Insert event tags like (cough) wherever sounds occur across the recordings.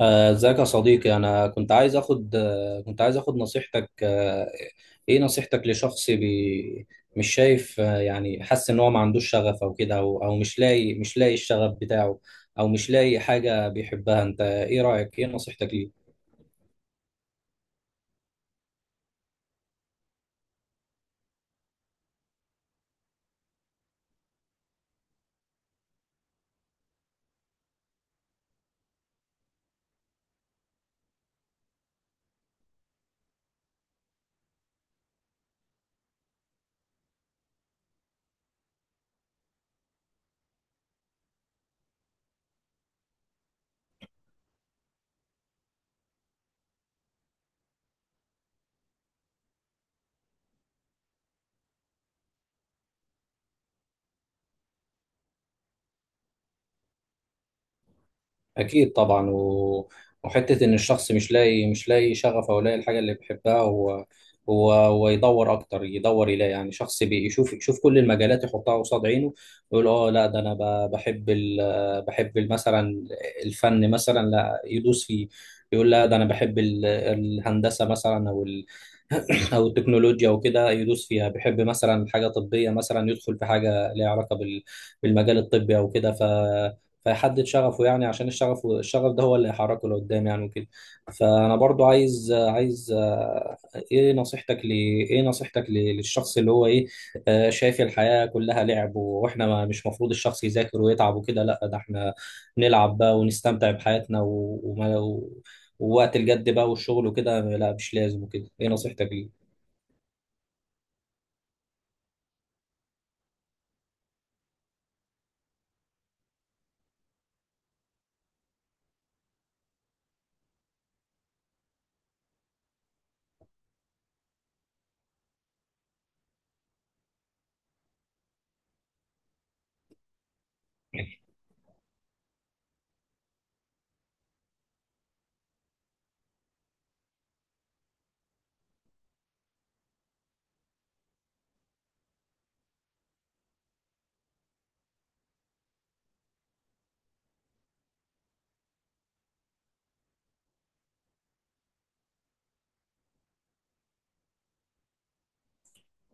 ازيك يا صديقي؟ انا كنت عايز اخد نصيحتك. ايه نصيحتك لشخص مش شايف، يعني حاسس ان هو ما عندوش شغف او كده، او مش لاقي الشغف بتاعه، او مش لاقي حاجة بيحبها؟ انت ايه رأيك؟ ايه نصيحتك ليه؟ أكيد طبعا وحتة إن الشخص مش لاقي شغف أو لاقي الحاجة اللي بيحبها، هو يدور أكتر، يدور يلاقي، يعني شخص بيشوف، يشوف كل المجالات يحطها قصاد عينه ويقول آه لا ده أنا بحب بحب مثلا الفن مثلا، لا يدوس فيه. يقول لا ده أنا بحب الهندسة مثلا أو (clears throat) أو التكنولوجيا وكده، يدوس فيها. بيحب مثلا حاجة طبية مثلا، يدخل في حاجة ليها علاقة بالمجال الطبي أو كده. فيحدد شغفه يعني، عشان الشغف ده هو اللي هيحركه لقدام يعني وكده. فانا برضو عايز عايز آه، ايه نصيحتك لي ايه نصيحتك للشخص اللي هو ايه آه، شايف الحياة كلها لعب، واحنا ما مش مفروض الشخص يذاكر ويتعب وكده، لا ده احنا نلعب بقى ونستمتع بحياتنا، ووقت الجد بقى والشغل وكده لا مش لازم وكده، ايه نصيحتك ليه؟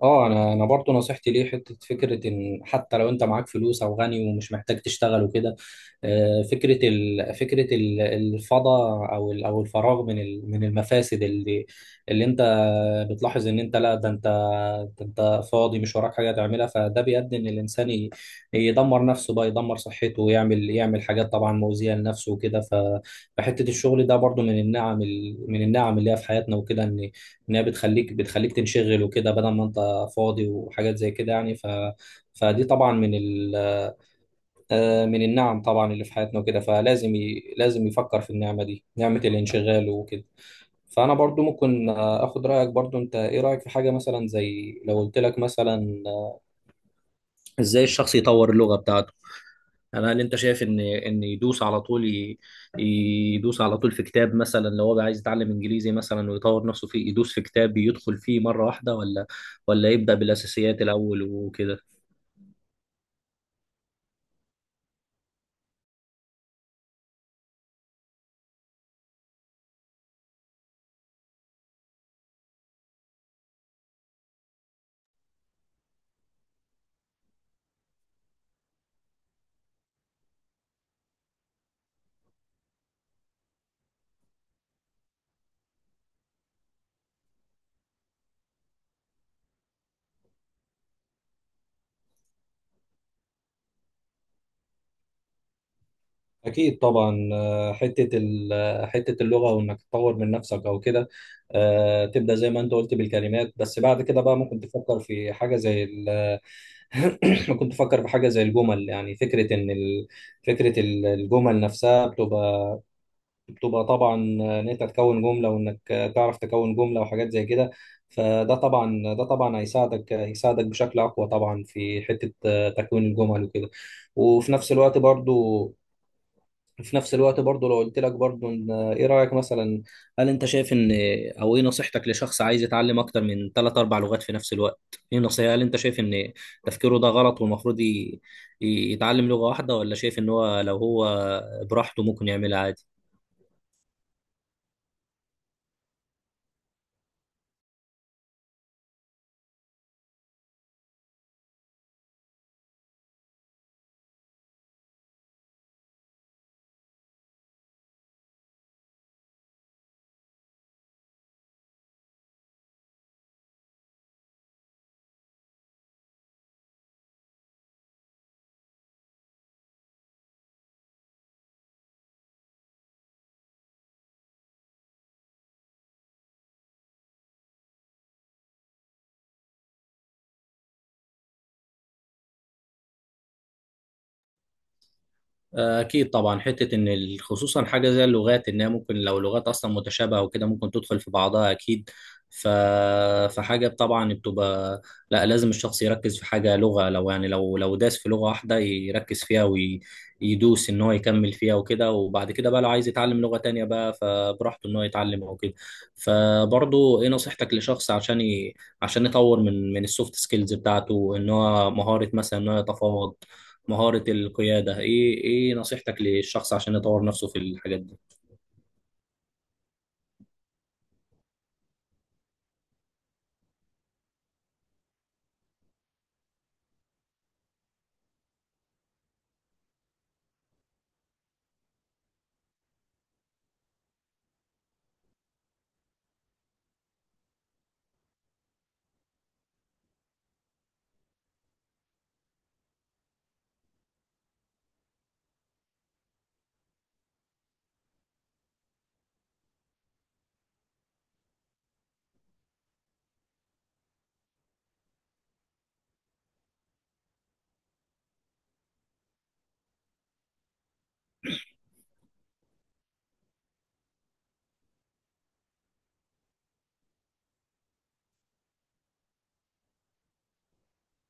اه انا برضو نصيحتي ليه حته فكره، ان حتى لو انت معاك فلوس او غني ومش محتاج تشتغل وكده، فكره الفضاء او الفراغ من المفاسد، اللي انت بتلاحظ ان انت، لا ده انت فاضي مش وراك حاجه تعملها، فده بيؤدي ان الانسان يدمر نفسه بقى، يدمر صحته ويعمل حاجات طبعا مؤذيه لنفسه وكده. فحته الشغل ده برضو من النعم، من النعم اللي هي في حياتنا وكده، ان انها بتخليك تنشغل وكده بدل ما انت فاضي وحاجات زي كده يعني. فدي طبعا من ال... آه، من النعم طبعا اللي في حياتنا وكده، فلازم لازم يفكر في النعمة دي، نعمة الانشغال وكده. فأنا برضو ممكن أخد رأيك برضو. أنت إيه رأيك في حاجة مثلا زي لو قلت لك مثلا، إزاي الشخص يطور اللغة بتاعته؟ أنا هل أنت شايف إن يدوس على طول يدوس على طول في كتاب، مثلا لو هو عايز يتعلم إنجليزي مثلا ويطور نفسه فيه، يدوس في كتاب يدخل فيه مرة واحدة، ولا يبدأ بالأساسيات الأول وكده؟ أكيد طبعا. حتة ال- آه، حتة اللغة، وإنك تطور من نفسك أو كده. تبدأ زي ما أنت قلت بالكلمات، بس بعد كده بقى ممكن تفكر في حاجة زي (clears throat) ممكن تفكر في حاجة زي الجمل. يعني فكرة إن ال... فكرة ال- الجمل نفسها بتبقى طبعا، إن أنت تكون جملة، وإنك تعرف تكون جملة وحاجات زي كده. فده طبعا، ده طبعا هيساعدك بشكل أقوى طبعا في حتة تكوين الجمل وكده. وفي نفس الوقت برضو في نفس الوقت برضه لو قلت لك برضه ايه رأيك مثلا؟ هل انت شايف، ان او ايه نصيحتك لشخص عايز يتعلم اكتر من ثلاث اربع لغات في نفس الوقت؟ ايه نصيحة؟ هل انت شايف ان تفكيره ده غلط، والمفروض يتعلم لغة واحدة، ولا شايف ان هو لو هو براحته ممكن يعملها عادي؟ أكيد طبعا. حتة إن خصوصا حاجة زي اللغات، إنها ممكن لو لغات أصلا متشابهة وكده ممكن تدخل في بعضها أكيد. ف... فحاجة طبعا بتبقى، لا لازم الشخص يركز في حاجة لغة، لو يعني لو داس في لغة واحدة يركز فيها، ويدوس إن هو يكمل فيها وكده، وبعد كده بقى لو عايز يتعلم لغة تانية بقى فبراحته إن هو يتعلم أو كده. فبرضه إيه نصيحتك لشخص عشان عشان يطور من السوفت سكيلز بتاعته، إن هو مهارة مثلا إن هو يتفاوض، مهارة القيادة، ايه نصيحتك للشخص عشان يطور نفسه في الحاجات دي؟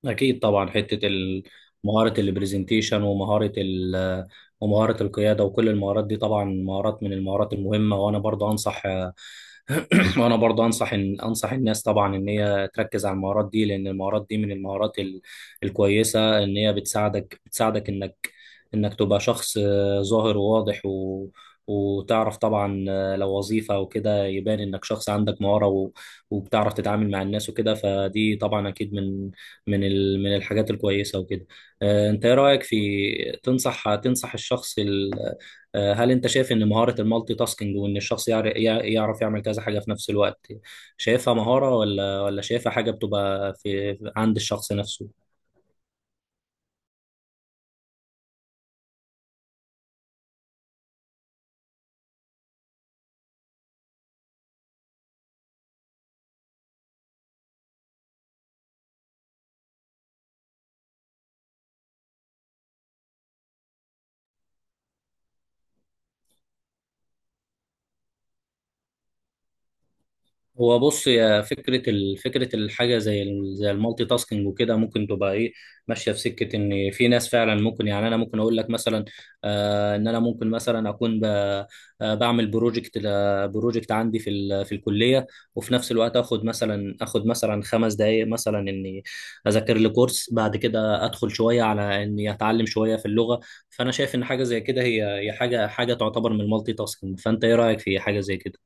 أكيد طبعا. حتة مهارة البرزنتيشن، ومهارة القيادة، وكل المهارات دي طبعا مهارات من المهارات المهمة. وأنا برضه أنصح (clears throat) وأنا برضه أنصح إن أنصح الناس طبعا إن هي تركز على المهارات دي، لأن المهارات دي من المهارات الكويسة، إن هي بتساعدك إنك تبقى شخص ظاهر وواضح، وتعرف طبعا، لو وظيفة أو كده يبان إنك شخص عندك مهارة، وبتعرف تتعامل مع الناس وكده. فدي طبعا أكيد من الحاجات الكويسه وكده. انت ايه رايك في، تنصح الشخص هل انت شايف ان مهاره المالتي تاسكينج، وان الشخص يعرف يعمل كذا حاجه في نفس الوقت، شايفها مهاره ولا شايفها حاجه بتبقى في عند الشخص نفسه؟ هو بص، يا فكرة الحاجة زي زي المالتي تاسكينج وكده، ممكن تبقى ايه، ماشية في سكة، ان في ناس فعلا ممكن، يعني انا ممكن اقول لك مثلا ان انا ممكن مثلا اكون بعمل بروجكت عندي في الكلية، وفي نفس الوقت اخد مثلا 5 دقايق مثلا اني اذاكر لي كورس، بعد كده ادخل شوية على اني اتعلم شوية في اللغة. فانا شايف ان حاجة زي كده، هي حاجة تعتبر من المالتي تاسكينج، فانت ايه رأيك في حاجة زي كده؟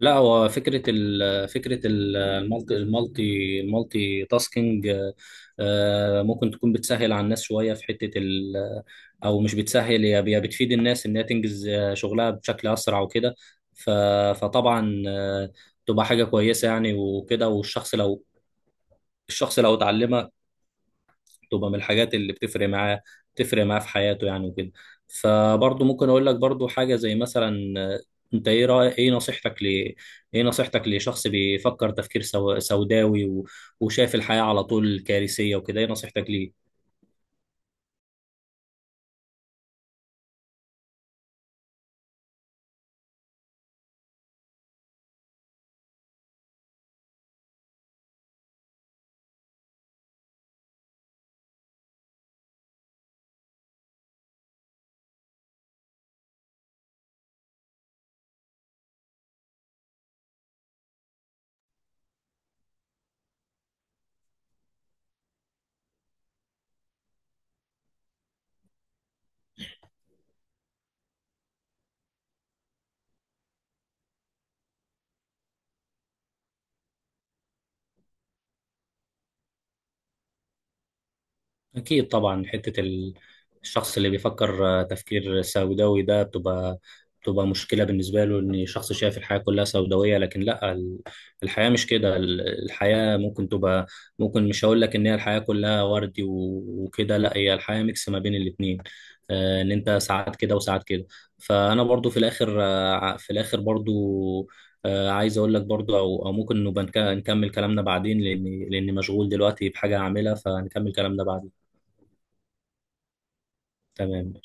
لا، هو فكرة المالتي تاسكينج ممكن تكون بتسهل على الناس شوية في حتة أو مش بتسهل، هي بتفيد الناس إنها تنجز شغلها بشكل أسرع وكده. ف- فطبعا تبقى حاجة كويسة يعني وكده. والشخص لو، الشخص لو اتعلمها تبقى من الحاجات اللي بتفرق معاه، بتفرق معاه في حياته يعني وكده. فبرضه ممكن اقول لك برضه حاجه زي مثلا، انت ايه رأي ايه نصيحتك ل ايه نصيحتك لشخص بيفكر تفكير سوداوي، وشايف الحياه على طول كارثيه وكده، ايه نصيحتك ليه؟ أكيد طبعا. حتة الشخص اللي بيفكر تفكير سوداوي ده بتبقى مشكلة بالنسبة له، إن شخص شايف الحياة كلها سوداوية، لكن لا الحياة مش كده. الحياة ممكن تبقى، ممكن مش هقول لك إن هي الحياة كلها وردي وكده، لا هي الحياة ميكس ما بين الاتنين، إن أنت ساعات كده وساعات كده. فأنا برضو في الآخر، في الآخر برضو عايز أقول لك برضو، أو ممكن نبقى نكمل كلامنا بعدين، لأني مشغول دلوقتي بحاجة أعملها، فنكمل كلامنا بعدين. تمام.